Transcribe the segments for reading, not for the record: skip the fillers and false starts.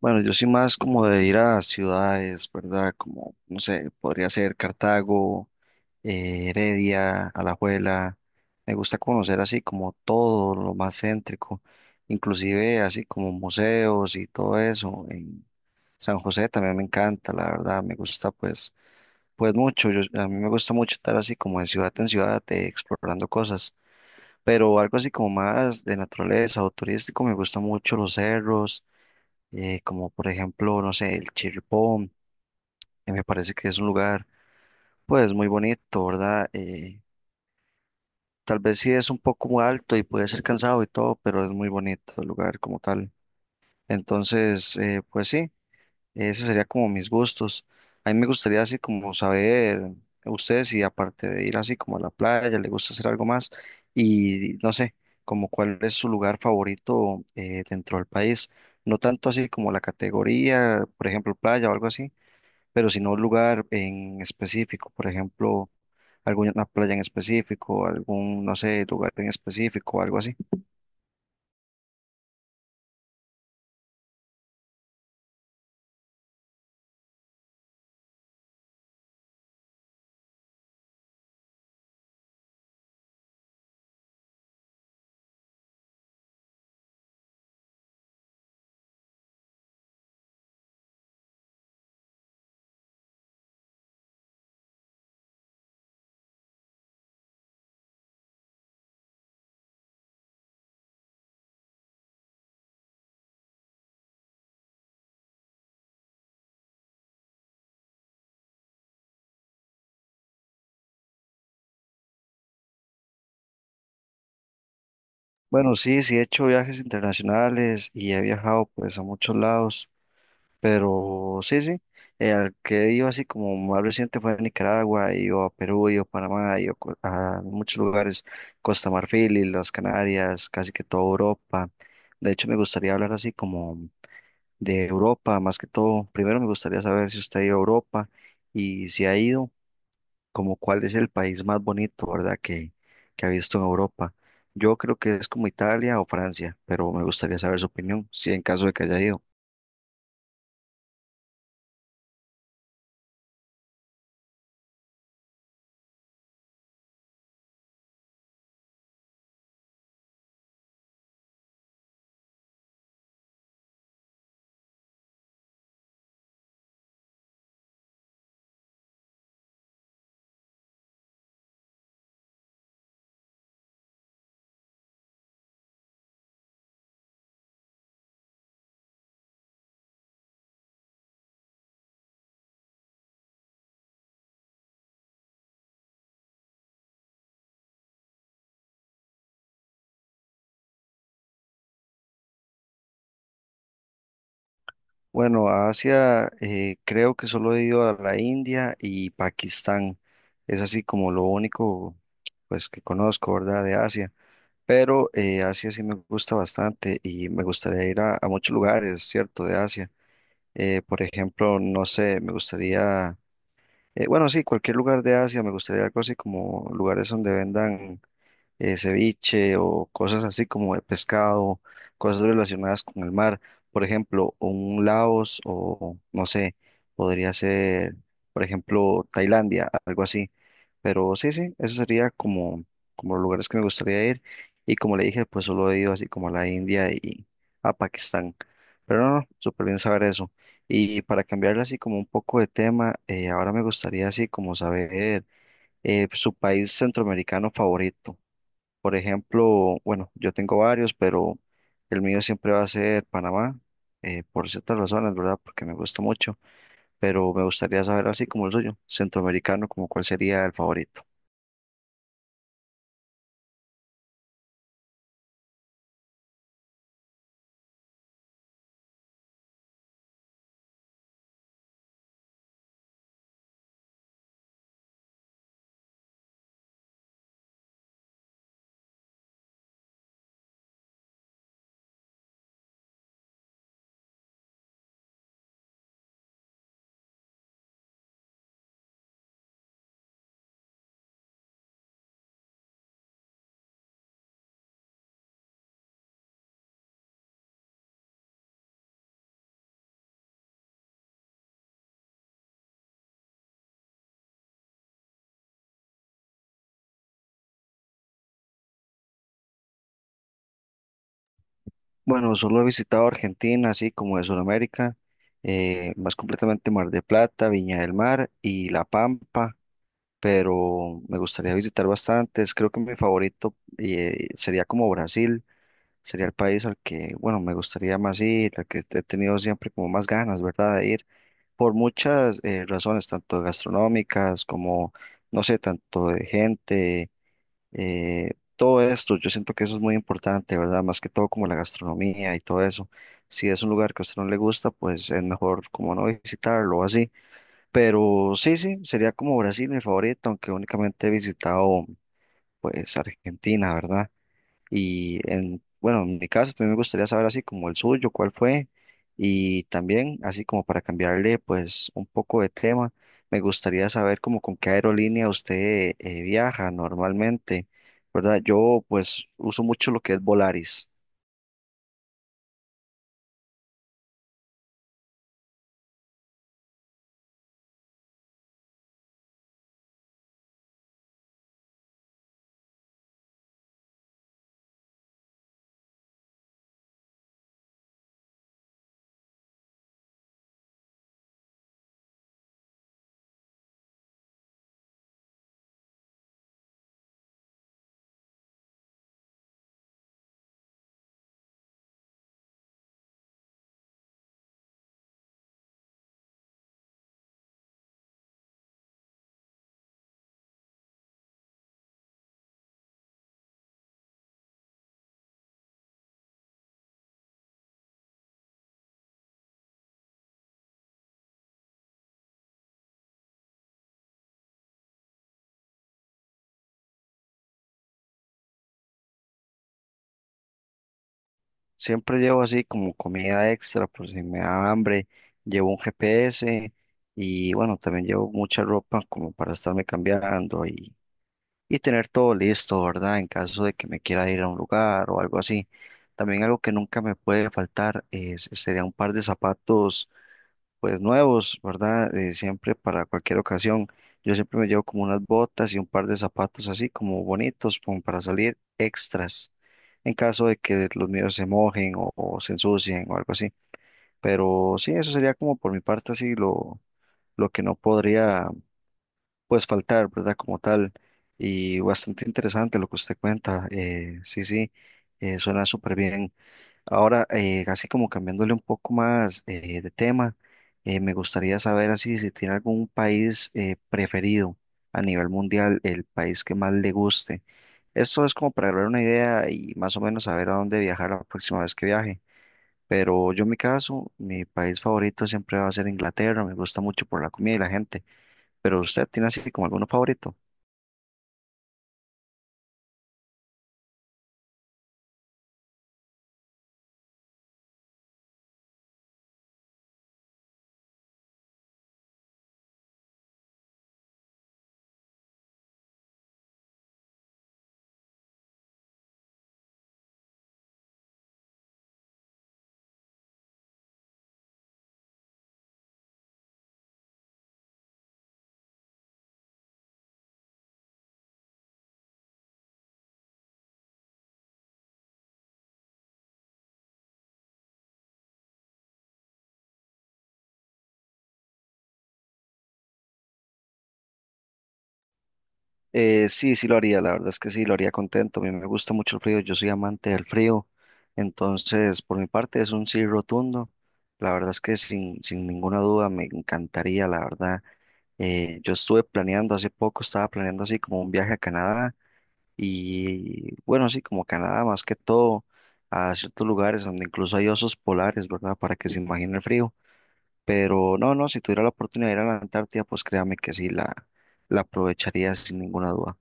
Bueno, yo soy más como de ir a ciudades, ¿verdad? Como, no sé, podría ser Cartago, Heredia, Alajuela. Me gusta conocer así como todo lo más céntrico, inclusive así como museos y todo eso. En San José también me encanta, la verdad, me gusta pues mucho. A mí me gusta mucho estar así como de ciudad en ciudad, explorando cosas, pero algo así como más de naturaleza o turístico, me gusta mucho los cerros como por ejemplo, no sé, el Chirripón, que me parece que es un lugar pues muy bonito, ¿verdad? Tal vez sí es un poco alto y puede ser cansado y todo, pero es muy bonito el lugar como tal. Entonces, pues sí, ese sería como mis gustos. A mí me gustaría así como saber ustedes si aparte de ir así como a la playa, le gusta hacer algo más y no sé, como cuál es su lugar favorito dentro del país. No tanto así como la categoría, por ejemplo, playa o algo así, pero si no un lugar en específico, por ejemplo, alguna playa en específico, algún, no sé, lugar en específico, algo así. Bueno, sí, sí he hecho viajes internacionales y he viajado pues a muchos lados, pero sí, sí, al que he ido así como más reciente fue a Nicaragua, he ido a Perú, he ido a Panamá, he ido a muchos lugares, Costa Marfil y las Canarias, casi que toda Europa. De hecho, me gustaría hablar así como de Europa, más que todo. Primero me gustaría saber si usted ha ido a Europa y si ha ido, como cuál es el país más bonito, ¿verdad? Que ha visto en Europa. Yo creo que es como Italia o Francia, pero me gustaría saber su opinión, si en caso de que haya ido. Bueno, a Asia creo que solo he ido a la India y Pakistán. Es así como lo único pues que conozco, ¿verdad? De Asia. Pero Asia sí me gusta bastante y me gustaría ir a muchos lugares, ¿cierto? De Asia. Por ejemplo, no sé, me gustaría, bueno, sí, cualquier lugar de Asia, me gustaría algo así como lugares donde vendan ceviche o cosas así como de pescado, cosas relacionadas con el mar. Por ejemplo, un Laos o no sé, podría ser, por ejemplo, Tailandia, algo así. Pero sí, sí, eso sería como, como los lugares que me gustaría ir. Y como le dije, pues solo he ido así como a la India y a Pakistán. Pero no, no, súper bien saber eso. Y para cambiarle así como un poco de tema, ahora me gustaría así como saber su país centroamericano favorito. Por ejemplo, bueno, yo tengo varios, pero el mío siempre va a ser Panamá, por ciertas razones, ¿verdad? Porque me gusta mucho, pero me gustaría saber así como el suyo, centroamericano, como cuál sería el favorito. Bueno, solo he visitado Argentina, así como de Sudamérica, más completamente Mar de Plata, Viña del Mar y La Pampa, pero me gustaría visitar bastantes. Creo que mi favorito, sería como Brasil. Sería el país al que, bueno, me gustaría más ir, al que he tenido siempre como más ganas, ¿verdad? De ir por muchas razones, tanto gastronómicas como, no sé, tanto de gente, todo esto. Yo siento que eso es muy importante, ¿verdad? Más que todo como la gastronomía y todo eso. Si es un lugar que a usted no le gusta, pues es mejor como no visitarlo o así. Pero sí, sí, sería como Brasil mi favorito, aunque únicamente he visitado pues Argentina, ¿verdad? Y en, bueno, en mi caso también me gustaría saber así como el suyo, cuál fue. Y también, así como para cambiarle pues un poco de tema, me gustaría saber como con qué aerolínea usted viaja normalmente, ¿verdad? Yo pues uso mucho lo que es Volaris. Siempre llevo así como comida extra por si me da hambre, llevo un GPS y bueno, también llevo mucha ropa como para estarme cambiando y tener todo listo, ¿verdad? En caso de que me quiera ir a un lugar o algo así. También algo que nunca me puede faltar es, sería un par de zapatos, pues nuevos, ¿verdad? Siempre para cualquier ocasión. Yo siempre me llevo como unas botas y un par de zapatos así como bonitos, como para salir extras, en caso de que los míos se mojen o se ensucien o algo así. Pero sí, eso sería como por mi parte así lo que no podría pues faltar, ¿verdad? Como tal. Y bastante interesante lo que usted cuenta. Sí, sí, suena súper bien. Ahora, así como cambiándole un poco más de tema, me gustaría saber así si tiene algún país preferido a nivel mundial, el país que más le guste. Esto es como para dar una idea y más o menos saber a dónde viajar la próxima vez que viaje. Pero yo en mi caso, mi país favorito siempre va a ser Inglaterra, me gusta mucho por la comida y la gente. Pero usted tiene así como alguno favorito. Sí, sí lo haría, la verdad es que sí, lo haría contento. A mí me gusta mucho el frío, yo soy amante del frío. Entonces, por mi parte, es un sí rotundo. La verdad es que sin ninguna duda me encantaría, la verdad. Yo estuve planeando hace poco, estaba planeando así como un viaje a Canadá y bueno, así como Canadá, más que todo a ciertos lugares donde incluso hay osos polares, ¿verdad? Para que se imagine el frío. Pero no, no, si tuviera la oportunidad de ir a la Antártida, pues créame que sí, la aprovecharía sin ninguna duda.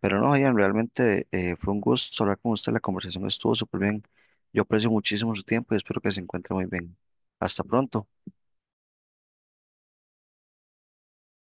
Pero no, Ian, realmente fue un gusto hablar con usted. La conversación estuvo súper bien. Yo aprecio muchísimo su tiempo y espero que se encuentre muy bien. Hasta pronto.